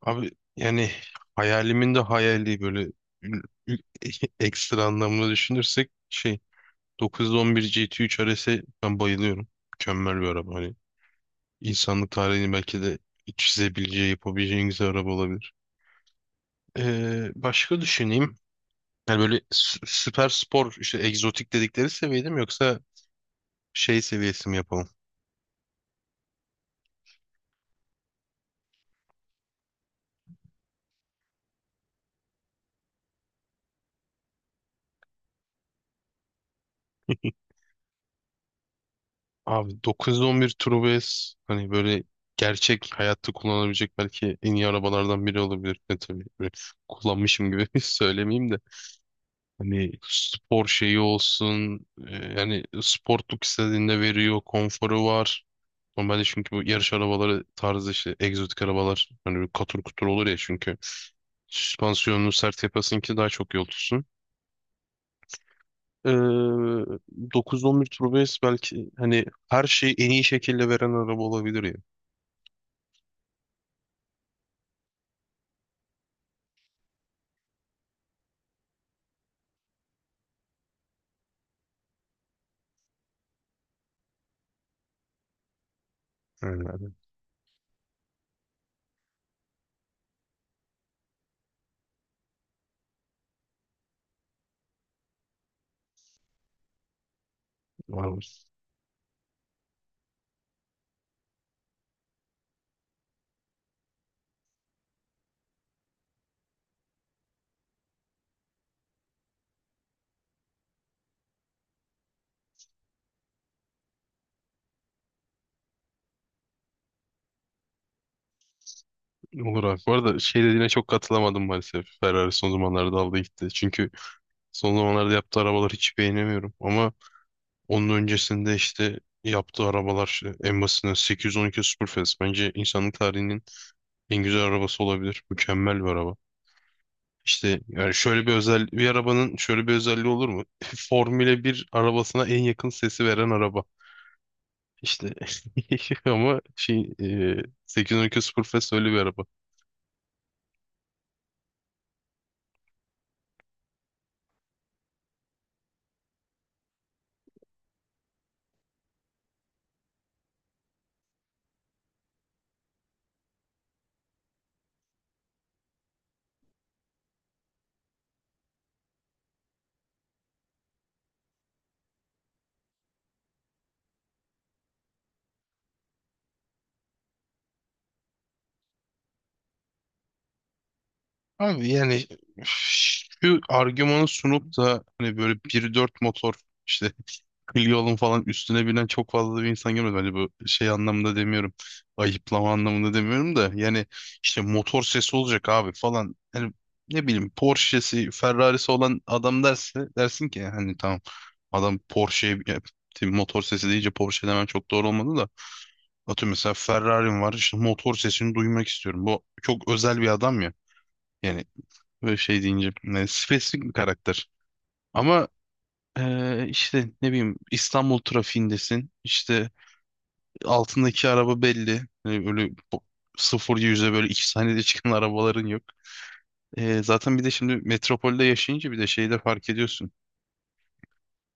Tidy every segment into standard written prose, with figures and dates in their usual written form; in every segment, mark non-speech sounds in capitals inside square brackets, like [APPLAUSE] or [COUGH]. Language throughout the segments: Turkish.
Abi yani hayalimin de hayali böyle ül- ül- [LAUGHS] ekstra anlamda düşünürsek şey 911 GT3 RS'e ben bayılıyorum. Mükemmel bir araba. Hani insanlık tarihini belki de çizebileceği, yapabileceği en güzel araba olabilir. Başka düşüneyim. Yani böyle süper spor işte egzotik dedikleri seviye değil mi yoksa şey seviyesi mi yapalım? Abi 911 Turbo S hani böyle gerçek hayatta kullanabilecek belki en iyi arabalardan biri olabilir. Tabii böyle kullanmışım gibi [LAUGHS] söylemeyeyim de. Hani spor şeyi olsun yani sportluk istediğinde veriyor, konforu var. Normalde çünkü bu yarış arabaları tarzı işte egzotik arabalar hani böyle katır kutur olur ya çünkü süspansiyonunu sert yapasın ki daha çok yol tutsun. Ee, 911 Turbo S belki hani her şeyi en iyi şekilde veren araba olabilir ya. Aynen. Olur. Olur abi. Bu arada şey dediğine çok katılamadım maalesef. Ferrari son zamanlarda aldı gitti. Çünkü son zamanlarda yaptığı arabaları hiç beğenemiyorum. Ama onun öncesinde işte yaptığı arabalar işte en basitinden 812 Superfast bence insanlık tarihinin en güzel arabası olabilir. Mükemmel bir araba. İşte yani şöyle bir özel bir arabanın şöyle bir özelliği olur mu? [LAUGHS] Formüle bir arabasına en yakın sesi veren araba. İşte [LAUGHS] ama şey 812 Superfast öyle bir araba. Abi yani şu argümanı sunup da hani böyle bir nokta dört motor işte. Clio'nun falan üstüne binen çok fazla bir insan görmedim. Hani bu şey anlamında demiyorum. Ayıplama anlamında demiyorum da. Yani işte motor sesi olacak abi falan. Yani ne bileyim Porsche'si, Ferrari'si olan adam derse dersin ki hani tamam adam Porsche'ye ya, motor sesi deyince Porsche demem çok doğru olmadı da. Atıyorum mesela Ferrari'm var işte motor sesini duymak istiyorum. Bu çok özel bir adam ya. Yani böyle şey deyince yani spesifik bir karakter. Ama işte ne bileyim İstanbul trafiğindesin. İşte altındaki araba belli. Hani öyle bo- sıfır yüze böyle iki saniyede çıkan [LAUGHS] arabaların yok. Zaten bir de şimdi metropolde yaşayınca bir de şeyi de fark ediyorsun.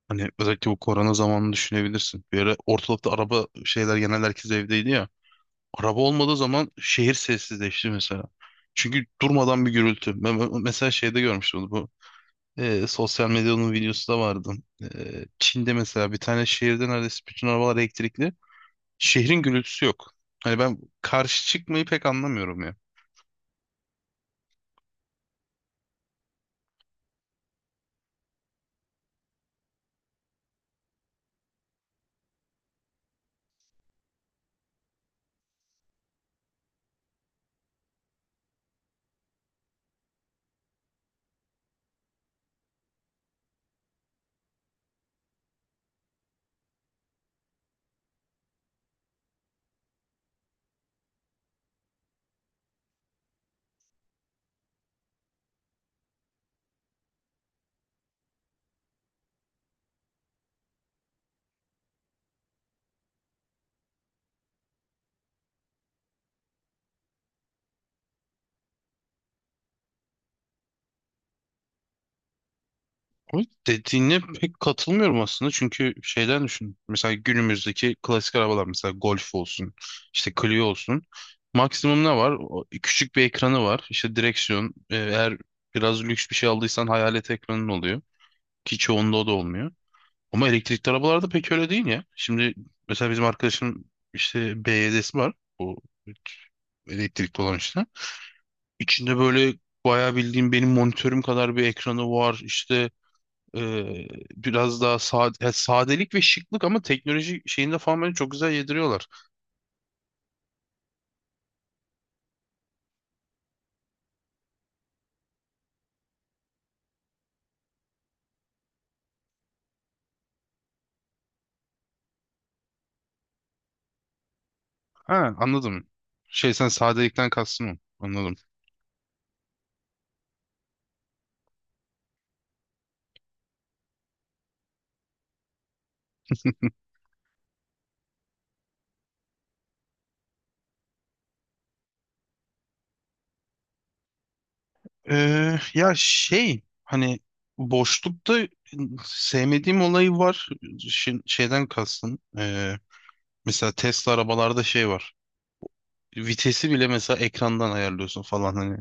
Hani özellikle bu korona zamanını düşünebilirsin. Bir ara ortalıkta araba şeyler genel herkes evdeydi ya. Araba olmadığı zaman şehir sessizleşti mesela. Çünkü durmadan bir gürültü. Ben mesela şeyde görmüştüm onu, bu. Sosyal medyanın videosu da vardı. Çin'de mesela bir tane şehirde neredeyse bütün arabalar elektrikli. Şehrin gürültüsü yok. Hani ben karşı çıkmayı pek anlamıyorum ya. O dediğine pek katılmıyorum aslında çünkü şeyden düşün. Mesela günümüzdeki klasik arabalar mesela Golf olsun, işte Clio olsun. Maksimum ne var? O küçük bir ekranı var. İşte direksiyon. Eğer biraz lüks bir şey aldıysan hayalet ekranın oluyor. Ki çoğunda o da olmuyor. Ama elektrikli arabalarda pek öyle değil ya. Şimdi mesela bizim arkadaşın işte BYD'si var. Bu elektrikli olan işte. İçinde böyle bayağı bildiğim benim monitörüm kadar bir ekranı var. İşte e, biraz daha sade, ya sadelik ve şıklık ama teknoloji şeyinde falan beni çok güzel yediriyorlar. Ha, anladım. Şey sen sadelikten kastın o. Anladım. Ya şey hani boşlukta sevmediğim olayı var. Şeyden kastım. Mesela Tesla arabalarda şey var. Vitesi bile mesela ekrandan ayarlıyorsun falan hani.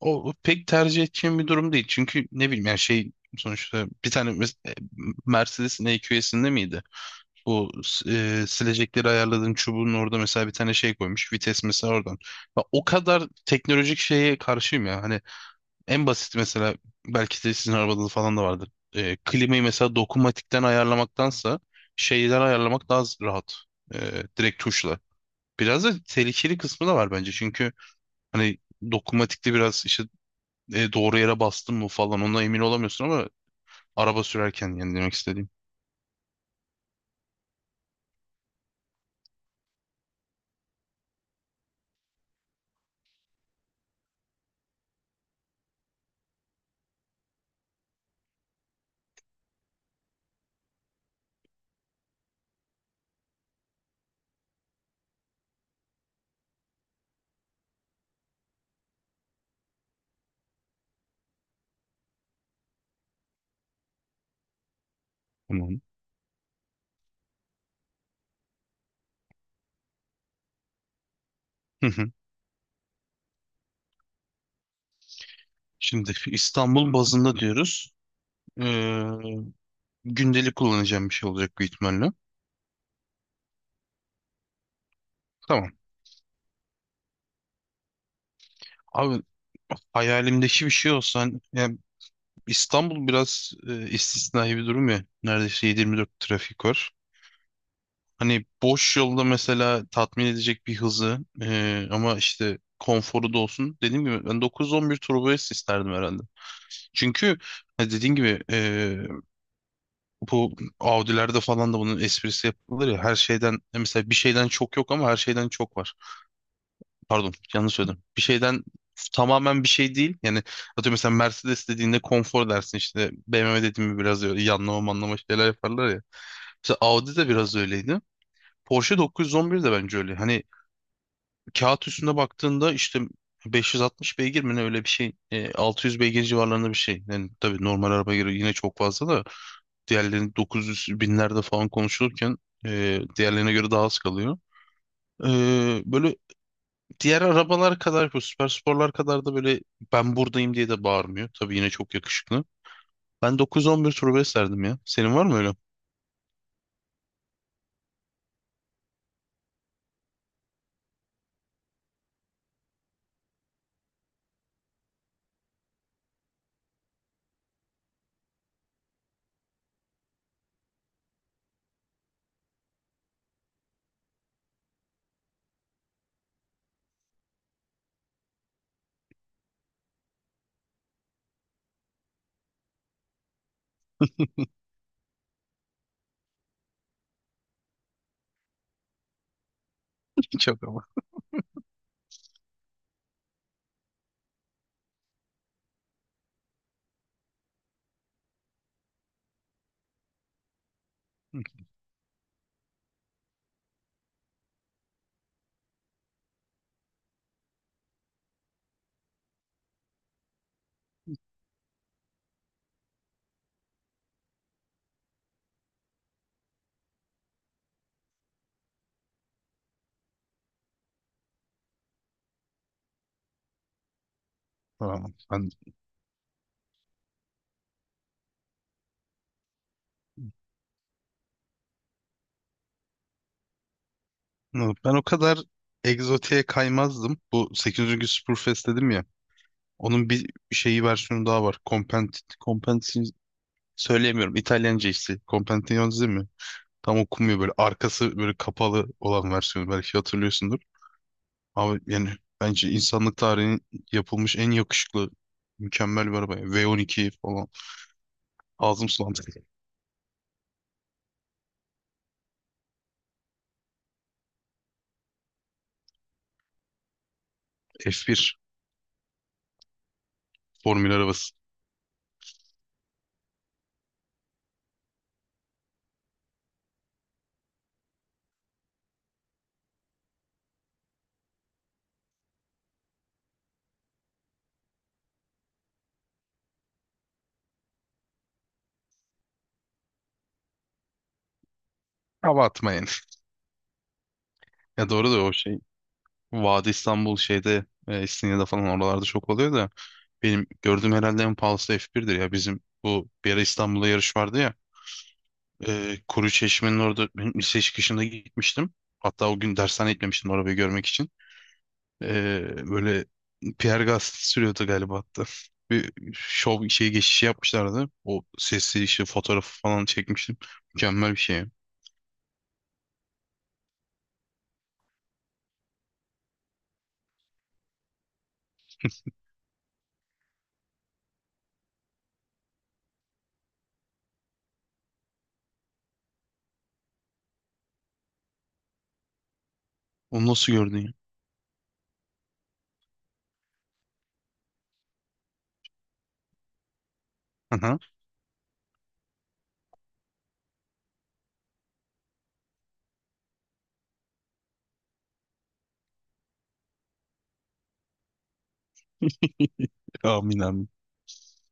O pek tercih edeceğim bir durum değil. Çünkü ne bileyim yani şey sonuçta bir tane Mercedes'in EQS'inde miydi? Bu silecekleri ayarladığın çubuğun orada mesela bir tane şey koymuş. Vites mesela oradan. Ya o kadar teknolojik şeye karşıyım ya. Hani en basit mesela belki de sizin arabada da falan da vardır. Klimayı mesela dokunmatikten ayarlamaktansa şeyden ayarlamak daha rahat. E, Direkt tuşla. Biraz da tehlikeli kısmı da var bence. Çünkü hani dokunmatikte biraz işte doğru yere bastın mı falan ona emin olamıyorsun ama araba sürerken yani demek istediğim. Tamam. Hı hı. Şimdi İstanbul bazında diyoruz. Ee, Gündelik kullanacağım bir şey olacak büyük ihtimalle. Tamam. Abi hayalimdeki bir şey olsa yani İstanbul biraz istisnai bir durum ya. Neredeyse 7/24 trafik var. Hani boş yolda mesela tatmin edecek bir hızı ama işte konforu da olsun. Dediğim gibi ben 911 turbo S isterdim herhalde. Çünkü ha, dediğin gibi bu Audi'lerde falan da bunun esprisi yapılır ya. Her şeyden mesela bir şeyden çok yok ama her şeyden çok var. Pardon, yanlış söyledim. Bir şeyden tamamen bir şey değil. Yani atıyorum mesela Mercedes dediğinde konfor dersin işte. BMW dediğinde biraz öyle yanlama manlama şeyler yaparlar ya. Mesela Audi de biraz öyleydi. Porsche 911 de bence öyle. Hani kağıt üstünde baktığında işte 560 beygir mi ne öyle bir şey. 600 beygir civarlarında bir şey. Yani tabii normal araba göre yine çok fazla da. Diğerlerini 900 binlerde falan konuşulurken diğerlerine göre daha az kalıyor. E, Böyle diğer arabalar kadar bu süper sporlar kadar da böyle ben buradayım diye de bağırmıyor. Tabii yine çok yakışıklı. Ben 911 turbo S derdim ya. Senin var mı öyle? [LAUGHS] Çok ama. Hı. Tamam. Ben o kadar egzotiğe kaymazdım. Bu 8. Spurfest dedim ya. Onun bir şeyi versiyonu daha var. Compenti söyleyemiyorum. İtalyanca işte. Compentione mi? Tam okunmuyor böyle arkası böyle kapalı olan versiyonu belki hatırlıyorsundur. Abi yani bence insanlık tarihinin yapılmış en yakışıklı mükemmel bir araba, yani. V12 falan. Ağzım sulandı. F1 formül arabası. Hava atma yani. [LAUGHS] Ya doğru da o şey. Vadi İstanbul şeyde İstinye'de falan oralarda çok oluyor da benim gördüğüm herhalde en pahalısı F1'dir ya. Bizim bu bir ara İstanbul'da yarış vardı ya. Kuru Çeşme'nin orada benim lise çıkışında gitmiştim. Hatta o gün dershane gitmemiştim arabayı görmek için. Böyle Pierre Gasly sürüyordu galiba hatta. Bir şov şey geçişi yapmışlardı. O sesli işte fotoğrafı falan çekmiştim. Mükemmel bir şey. Onu nasıl gördün ya? Aha. Amin amin.